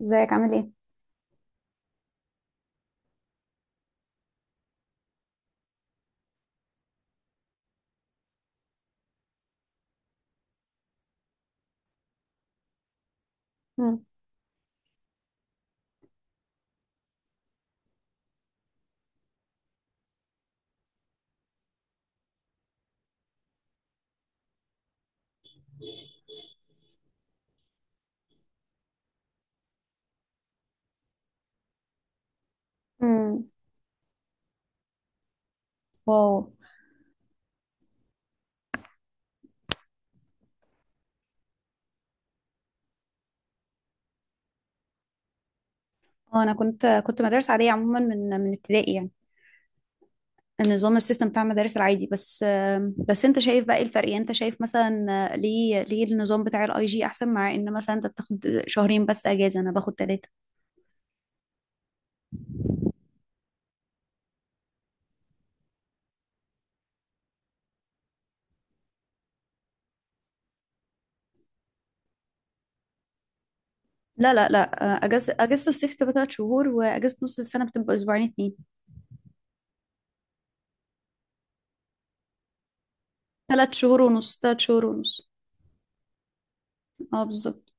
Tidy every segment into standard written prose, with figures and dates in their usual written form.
ازيك عامل ايه؟ مم. مم. واو. انا كنت مدارس عاديه عموما من ابتدائي، يعني النظام السيستم بتاع المدارس العادي. بس بس انت شايف بقى ايه الفرق؟ يعني انت شايف مثلا، ليه النظام بتاع الاي جي احسن، مع ان مثلا انت بتاخد شهرين بس اجازه، انا باخد ثلاثه. لا لا لا، اجازه الصيف بتبقى ثلاث شهور، واجازه نص السنه بتبقى اسبوعين اتنين. ثلاث شهور ونص، ثلاث شهور ونص. اه، بالظبط.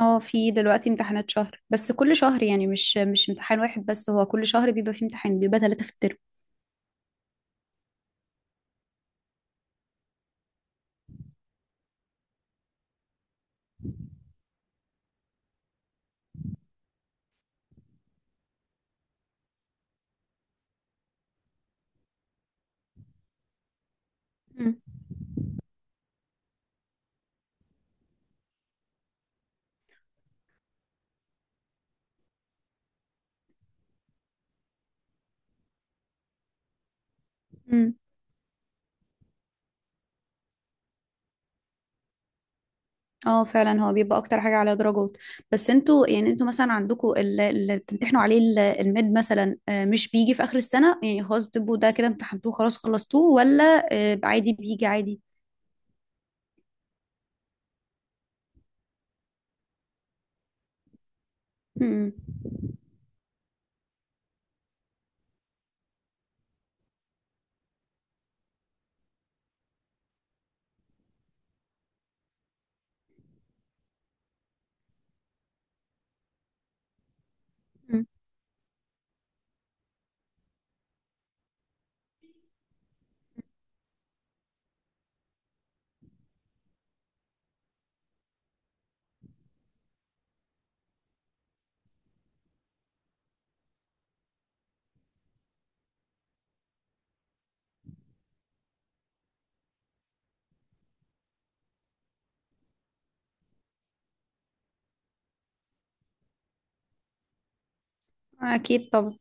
اه، في دلوقتي امتحانات شهر، بس كل شهر يعني مش امتحان واحد بس، هو كل شهر بيبقى فيه امتحان، بيبقى ثلاثة في الترم. مم. مم. اه فعلا، هو بيبقى اكتر حاجة على درجات. بس انتوا يعني، انتوا مثلا عندكم اللي بتمتحنوا عليه الميد مثلا، مش بيجي في اخر السنة يعني، خلاص بتبقوا ده كده امتحنتوه خلاص خلصتوه، ولا عادي بيجي عادي؟ مم. امم. اكيد طبعا.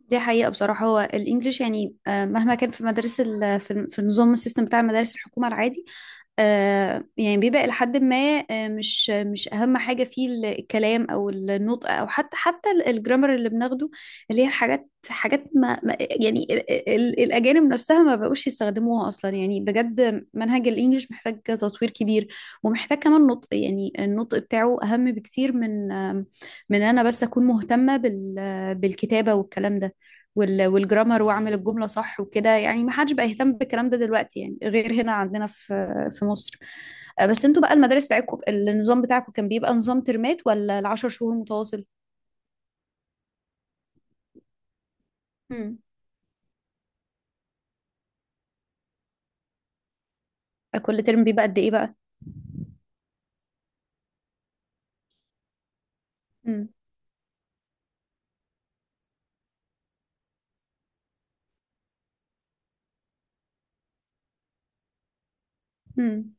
دي حقيقة بصراحة، هو الإنجليش يعني، مهما كان في مدارس في النظام السيستم بتاع مدارس الحكومة العادي، يعني بيبقى إلى حد ما، مش أهم حاجة فيه الكلام أو النطق، أو حتى الجرامر اللي بناخده، اللي هي حاجات يعني الأجانب نفسها ما بقوش يستخدموها أصلا. يعني بجد منهج الإنجليش محتاج تطوير كبير، ومحتاج كمان نطق، يعني النطق بتاعه أهم بكتير من من أنا بس أكون مهتمة بالكتابة والكلام ده، والجرامر، واعمل الجملة صح وكده، يعني ما حدش بقى يهتم بالكلام ده دلوقتي يعني، غير هنا عندنا في في مصر. بس انتوا بقى، المدارس بتاعتكم النظام بتاعكم كان بيبقى نظام ترمات ولا العشر شهور متواصل؟ مم. كل ترم بيبقى قد ايه بقى؟ مم. مم.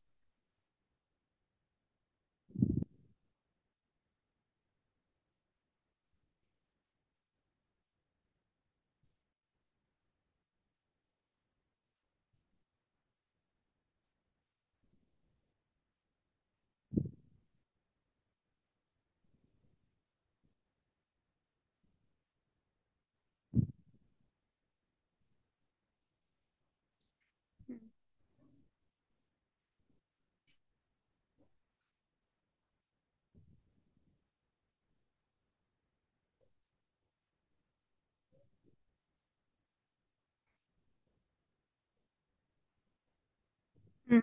مم.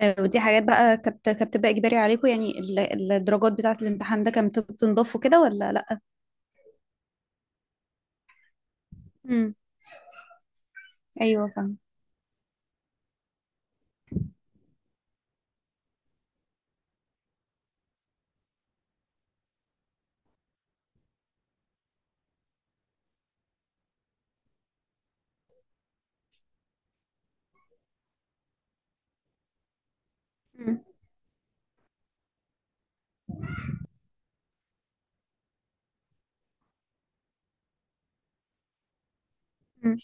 ودي حاجات بقى كانت بتبقى اجباري عليكم؟ يعني الدرجات بتاعة الامتحان ده كانت بتنضاف كده ولا لا؟ مم. ايوه فاهم. مم. مم.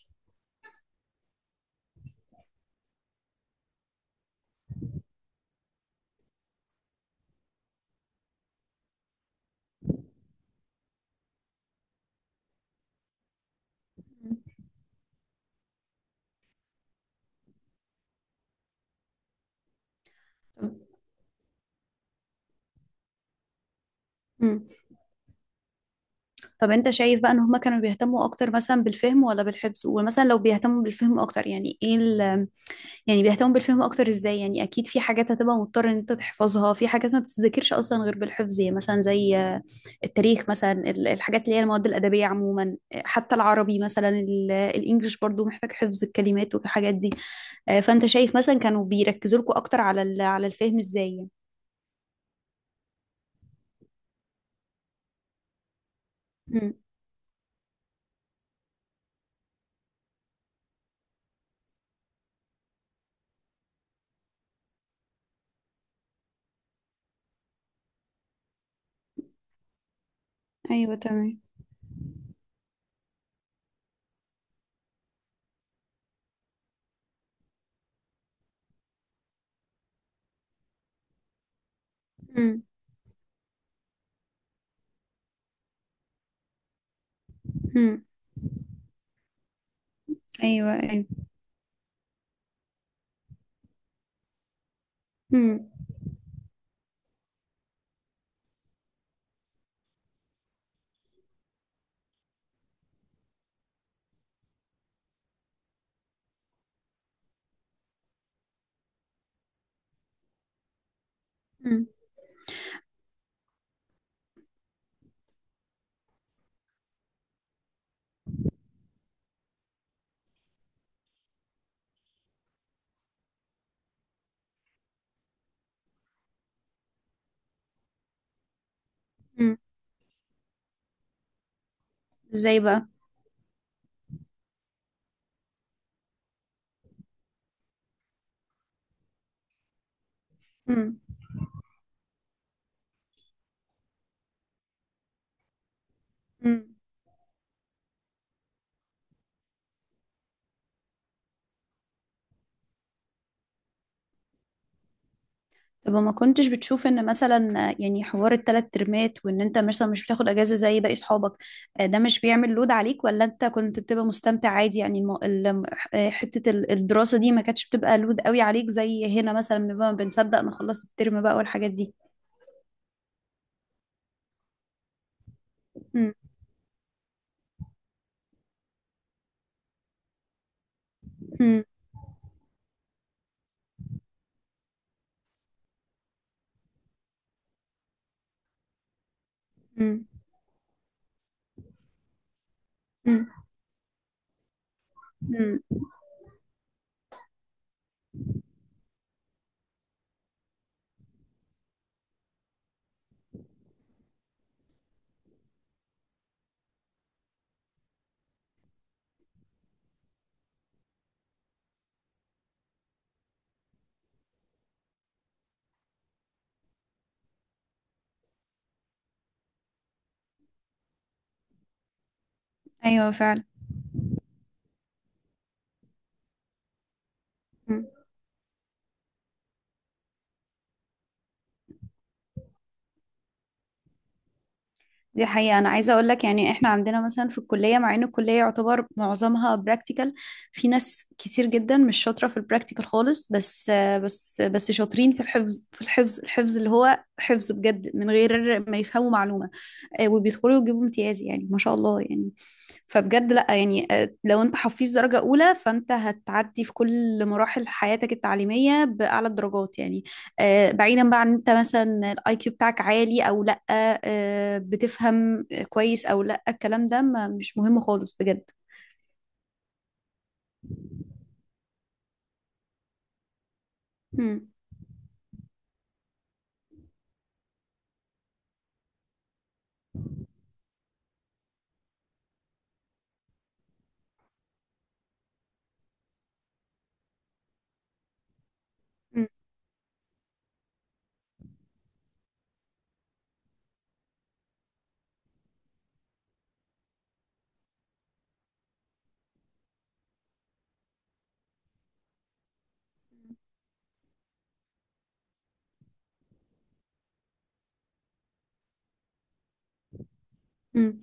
مم. مم. طب انت شايف بقى ان هما كانوا بيهتموا اكتر مثلا بالفهم ولا بالحفظ؟ ومثلا لو بيهتموا بالفهم اكتر، يعني ايه يعني بيهتموا بالفهم اكتر ازاي يعني؟ اكيد في حاجات هتبقى مضطر ان انت تحفظها، في حاجات ما بتتذاكرش اصلا غير بالحفظ، يعني مثلا زي التاريخ مثلا، الحاجات اللي هي المواد الادبيه عموما، حتى العربي مثلا، الانجليش برضو محتاج حفظ الكلمات والحاجات دي. فانت شايف مثلا كانوا بيركزوا لكم اكتر على على الفهم ازاي يعني؟ مم. ايوه تمام. مم. مم. ايوه ايوه. مم. مم. مم. ازاي بقى؟ امم. امم. طب ما كنتش بتشوف ان مثلا يعني حوار الثلاث ترمات، وان انت مثلا مش بتاخد اجازه زي باقي اصحابك، ده مش بيعمل لود عليك؟ ولا انت كنت بتبقى مستمتع عادي، يعني الم... ال- آه، حته الدراسه دي ما كانتش بتبقى لود قوي عليك زي هنا مثلا، بنبقى بنصدق نخلص الترم بقى والحاجات دي. امم. امم. امم. امم. ايوه فعلا. دي حقيقة، أنا عايزة أقول لك يعني، إحنا عندنا مثلا في الكلية، مع إن الكلية يعتبر معظمها براكتيكال، في ناس كتير جدا مش شاطرة في البراكتيكال خالص، بس شاطرين في الحفظ اللي هو حفظ بجد من غير ما يفهموا معلومة، وبيدخلوا يجيبوا امتياز يعني، ما شاء الله يعني. فبجد لا يعني، لو انت حفيظ درجة أولى، فانت هتعدي في كل مراحل حياتك التعليمية بأعلى الدرجات يعني، بعيدا بقى عن انت مثلا الاي كيو بتاعك عالي او لا، بتفهم كويس او لا، الكلام ده ما مش مهم خالص بجد. مم. مم. مم.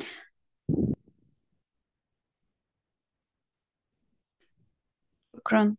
شكرا.